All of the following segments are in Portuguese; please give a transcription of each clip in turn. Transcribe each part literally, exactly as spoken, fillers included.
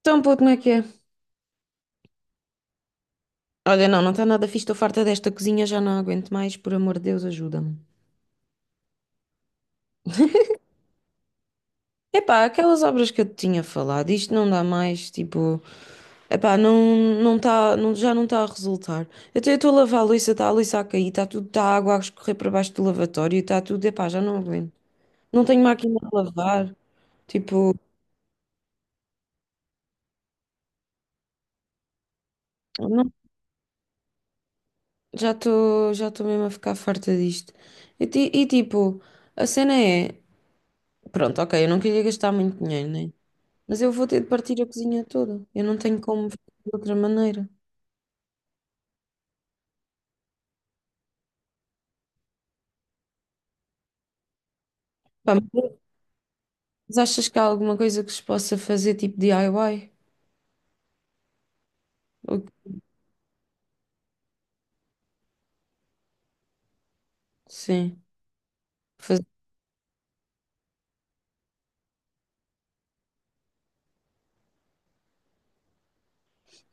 Então, puto, como é que é? Olha, não, não está nada fixe, estou farta desta cozinha, já não aguento mais, por amor de Deus, ajuda-me. Epá, aquelas obras que eu te tinha falado, isto não dá mais, tipo, epá, não, não tá, não, já não está a resultar. Até eu estou a lavar a louça, está a louça a cair, está tudo, está a água a escorrer para baixo do lavatório, está tudo, epá, já não aguento. Não tenho máquina de lavar, tipo, não, já estou, já estou mesmo a ficar farta disto. E, ti- e tipo, a cena é, pronto, ok, eu não queria gastar muito dinheiro, né? Mas eu vou ter de partir a cozinha toda. Eu não tenho como fazer de outra maneira. Pá, mas achas que há alguma coisa que se possa fazer tipo D I Y? Ou- Sim. Fazer.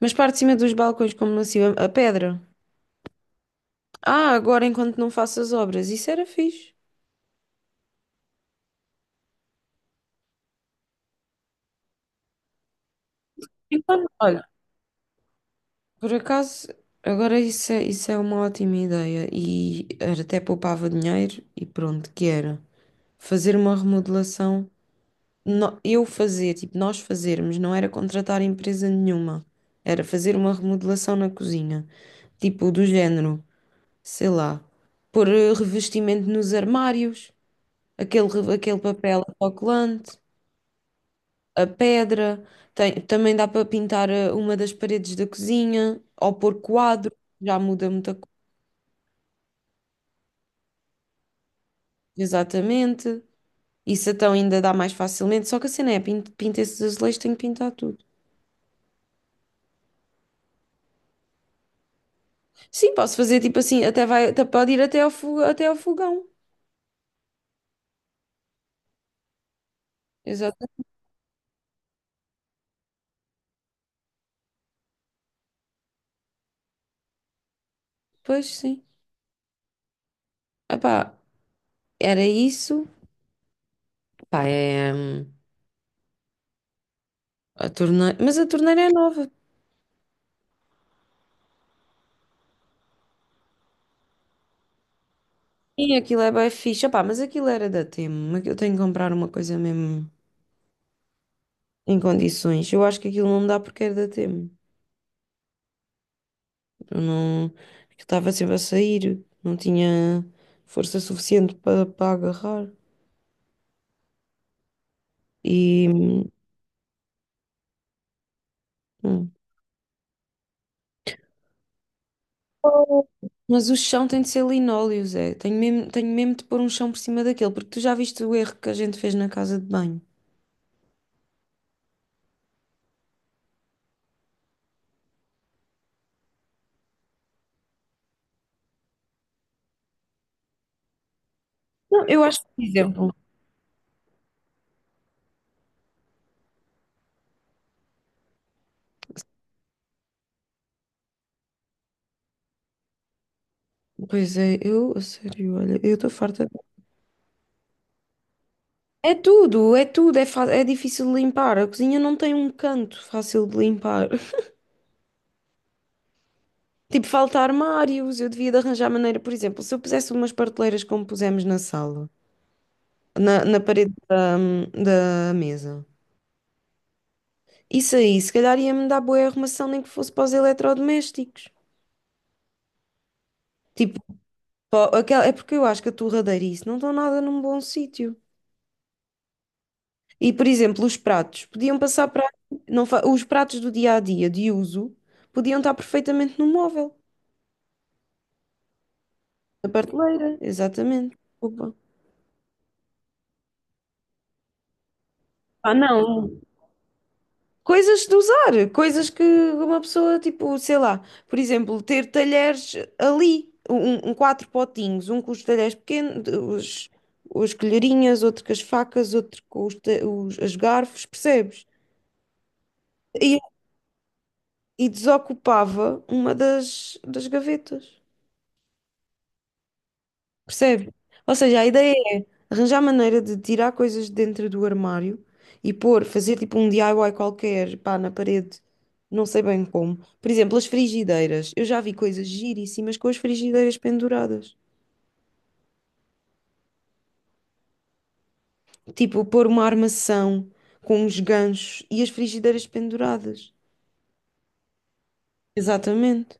Mas parte de cima dos balcões, como não se a pedra. Ah, agora enquanto não faço as obras. Isso era fixe. Então, olha, por acaso, agora isso é, isso é uma ótima ideia. E era até poupava dinheiro e pronto, que era fazer uma remodelação. No- eu fazer, tipo, nós fazermos, não era contratar empresa nenhuma, era fazer uma remodelação na cozinha, tipo, do género, sei lá, pôr eh, revestimento nos armários, aquele, re- aquele papel autocolante, a pedra, tem- também dá para pintar eh, uma das paredes da cozinha, ou pôr quadro, já muda muita coisa, exatamente. Isso então ainda dá mais facilmente, só que a cena é, pinta esses azulejos, tenho que pintar tudo. Sim, posso fazer tipo assim, até vai, até pode ir até ao, fo- até ao fogão. Exato. Pois sim. Epá, era isso. Epá, é hum, a torneira. Mas a torneira é nova. Sim, aquilo é bem fixe. Epá, mas aquilo era da Temo. Aqui- Eu tenho que comprar uma coisa mesmo em condições. Eu acho que aquilo não dá porque era da Temo. Eu não. Aquilo estava sempre a sair. Não tinha força suficiente para para agarrar. E. Hum. Oh. Mas o chão tem de ser linóleo, Zé. Tenho mesmo, tenho mesmo de pôr um chão por cima daquele, porque tu já viste o erro que a gente fez na casa de banho. Não, eu acho que, por exemplo, pois é, eu, a sério, olha, eu estou farta. É tudo, é tudo, é, fa- é difícil de limpar. A cozinha não tem um canto fácil de limpar. Tipo, falta armários, eu devia de arranjar maneira, por exemplo, se eu pusesse umas prateleiras como pusemos na sala, na, na parede da, da mesa. Isso aí, se calhar ia-me dar boa arrumação, nem que fosse para os eletrodomésticos. Tipo, pó- aquela, é porque eu acho que a torradeira e isso não estão nada num bom sítio. E, por exemplo, os pratos podiam passar para. Não, fa- Os pratos do dia a dia de uso podiam estar perfeitamente no móvel, na prateleira, exatamente. Opa. Ah, não. Coisas de usar, coisas que uma pessoa, tipo, sei lá, por exemplo, ter talheres ali, um, um- um quatro potinhos, um com os talheres pequenos, os, os colherinhas, outro com as facas, outro com os, ta- os- as garfos, percebes? E desocupava uma das, das gavetas. Percebe? Ou seja, a ideia é arranjar maneira de tirar coisas de dentro do armário e pôr, fazer tipo um D I Y qualquer, pá, na parede, não sei bem como. Por exemplo, as frigideiras. Eu já vi coisas giríssimas com as frigideiras penduradas. Tipo, pôr uma armação com uns ganchos e as frigideiras penduradas. Exatamente.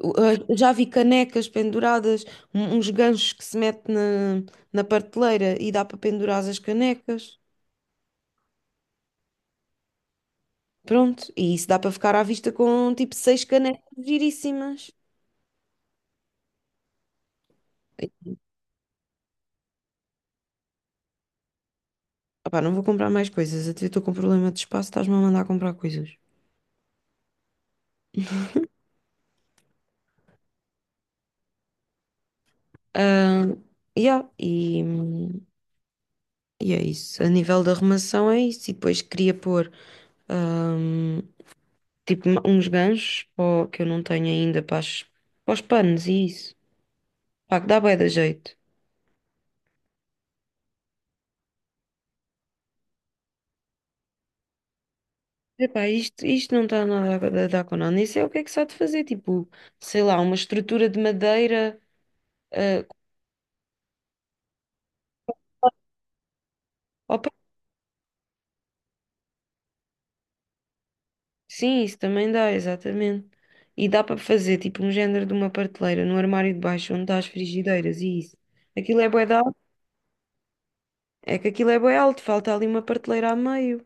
Uh, uh, Já vi canecas penduradas, um- uns ganchos que se mete na, na prateleira e dá para pendurar as canecas. Pronto, e isso dá para ficar à vista com tipo seis canecas giríssimas. E, opá, não vou comprar mais coisas, até estou com problema de espaço, estás-me a mandar comprar coisas. Ah, yeah, e, e é isso. A nível da arrumação é isso. E depois queria pôr ahm, tipo ma- uns ganchos pó, que eu não tenho ainda para, as- para os panos e isso. Pá, que dá bué da jeito. Epá, isto, isto não está nada a dar com nada. Nem sei o que é que se há de fazer. Tipo, sei lá, uma estrutura de madeira. ah, opa, sim, isso também dá, exatamente. E dá para fazer, tipo, um género de uma prateleira no armário de baixo, onde está as frigideiras e isso. Aquilo é bué de alto. É que aquilo é bué alto, falta ali uma prateleira a meio.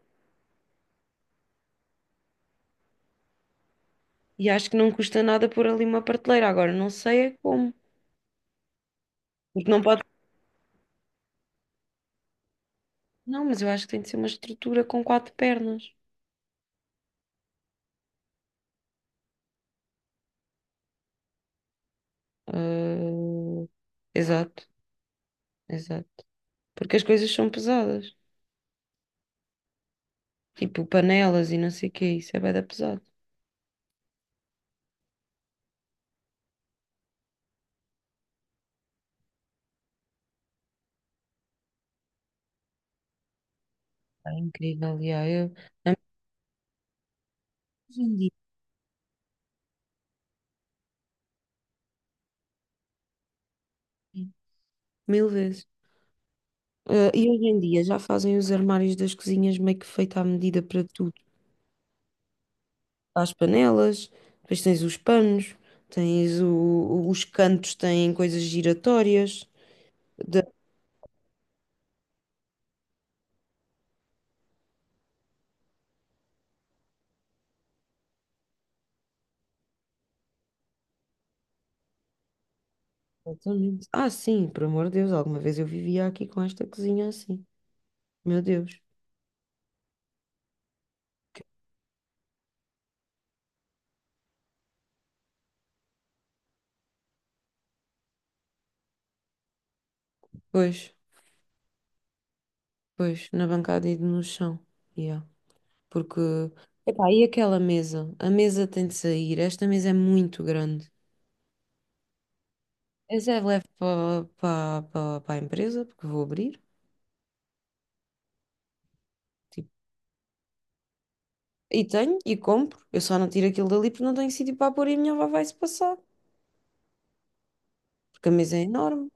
E acho que não custa nada pôr ali uma prateleira. Agora, não sei é como. Porque não pode... Não, mas eu acho que tem de ser uma estrutura com quatro pernas. Ah, exato, exato. Porque as coisas são pesadas. Tipo panelas e não sei o que, isso é bué da pesado. É incrível, já. Eu, a- Hoje em dia, mil vezes. Ah, e hoje em dia já fazem os armários das cozinhas meio que feito à medida para tudo. As panelas, depois tens os panos, tens o- os cantos, têm coisas giratórias. Da- Exatamente. Ah, sim, por amor de Deus, alguma vez eu vivia aqui com esta cozinha assim. Meu Deus. Pois, pois, na bancada e no chão. Yeah. Porque, epá, e aquela mesa? A mesa tem de sair. Esta mesa é muito grande. Essa é leve para a empresa, porque vou abrir. Tipo, e tenho, e compro. Eu só não tiro aquilo dali porque não tenho sítio para pôr e a minha avó vai-se passar. Porque a mesa é enorme.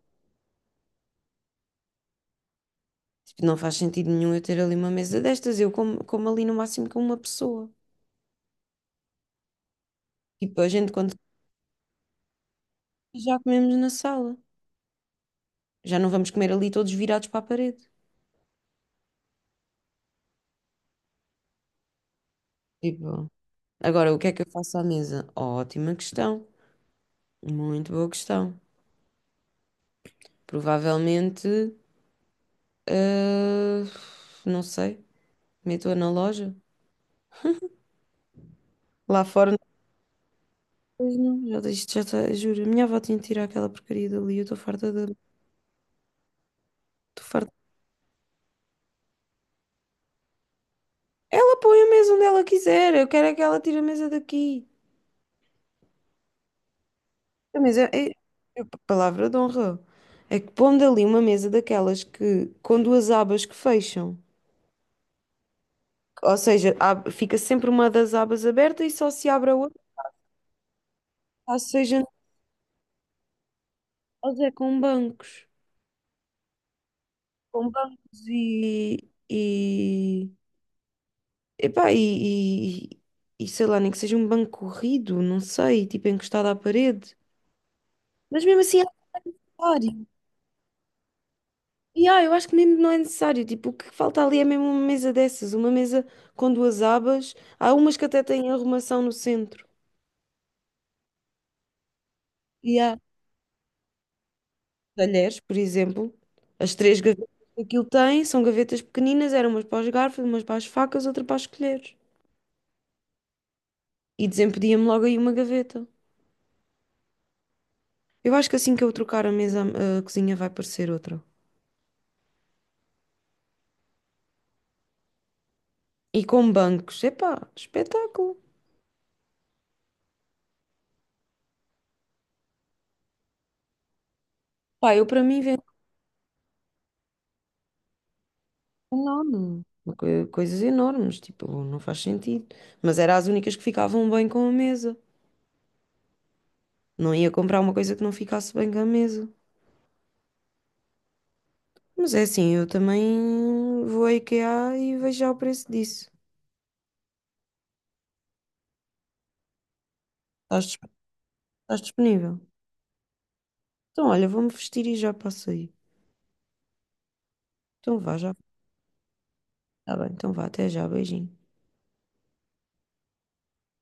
Tipo, não faz sentido nenhum eu ter ali uma mesa destas. Eu como, como ali no máximo com uma pessoa. Tipo, a gente quando já comemos na sala. Já não vamos comer ali todos virados para a parede. Tipo, agora o que é que eu faço à mesa? Ótima questão. Muito boa questão. Provavelmente, ah, não sei, meto-a na loja. Lá fora, não. Pois não, já, isto já está, juro, a minha avó tinha de tirar aquela porcaria dali, eu estou farta de, estou farta. Ela põe a mesa onde ela quiser, eu quero é que ela tire a mesa daqui. A mesa, é, é- É, palavra de honra, é que pondo ali uma mesa daquelas que, com duas abas que fecham, ou seja, ab- fica sempre uma das abas aberta e só se abre a outra, ou seja, nós é com bancos. com bancos e, e, Epá, e, e, e sei lá, nem que seja um banco corrido, não sei, tipo encostado à parede. Mas mesmo assim é necessário. E ah, eu acho que mesmo não é necessário. Tipo, o que falta ali é mesmo uma mesa dessas, uma mesa com duas abas. Há umas que até têm arrumação no centro. E há talheres, por exemplo. As três gavetas que aquilo tem são gavetas pequeninas, eram umas para os garfos, umas para as facas, outra para as colheres. E desempedia-me logo aí uma gaveta. Eu acho que assim que eu trocar a mesa, a cozinha vai parecer outra. E com bancos, epá, espetáculo. Pá, eu para mim vendo enorme. Uma Coisas enormes, tipo, não faz sentido. Mas eram as únicas que ficavam bem com a mesa. Não ia comprar uma coisa que não ficasse bem com a mesa. Mas é assim, eu também vou à IKEA e vejo já o preço disso. Estás, dis- estás disponível? Então, olha, vou-me vestir e já passo aí. Então vá, já. Tá bem, então vá, até já, beijinho.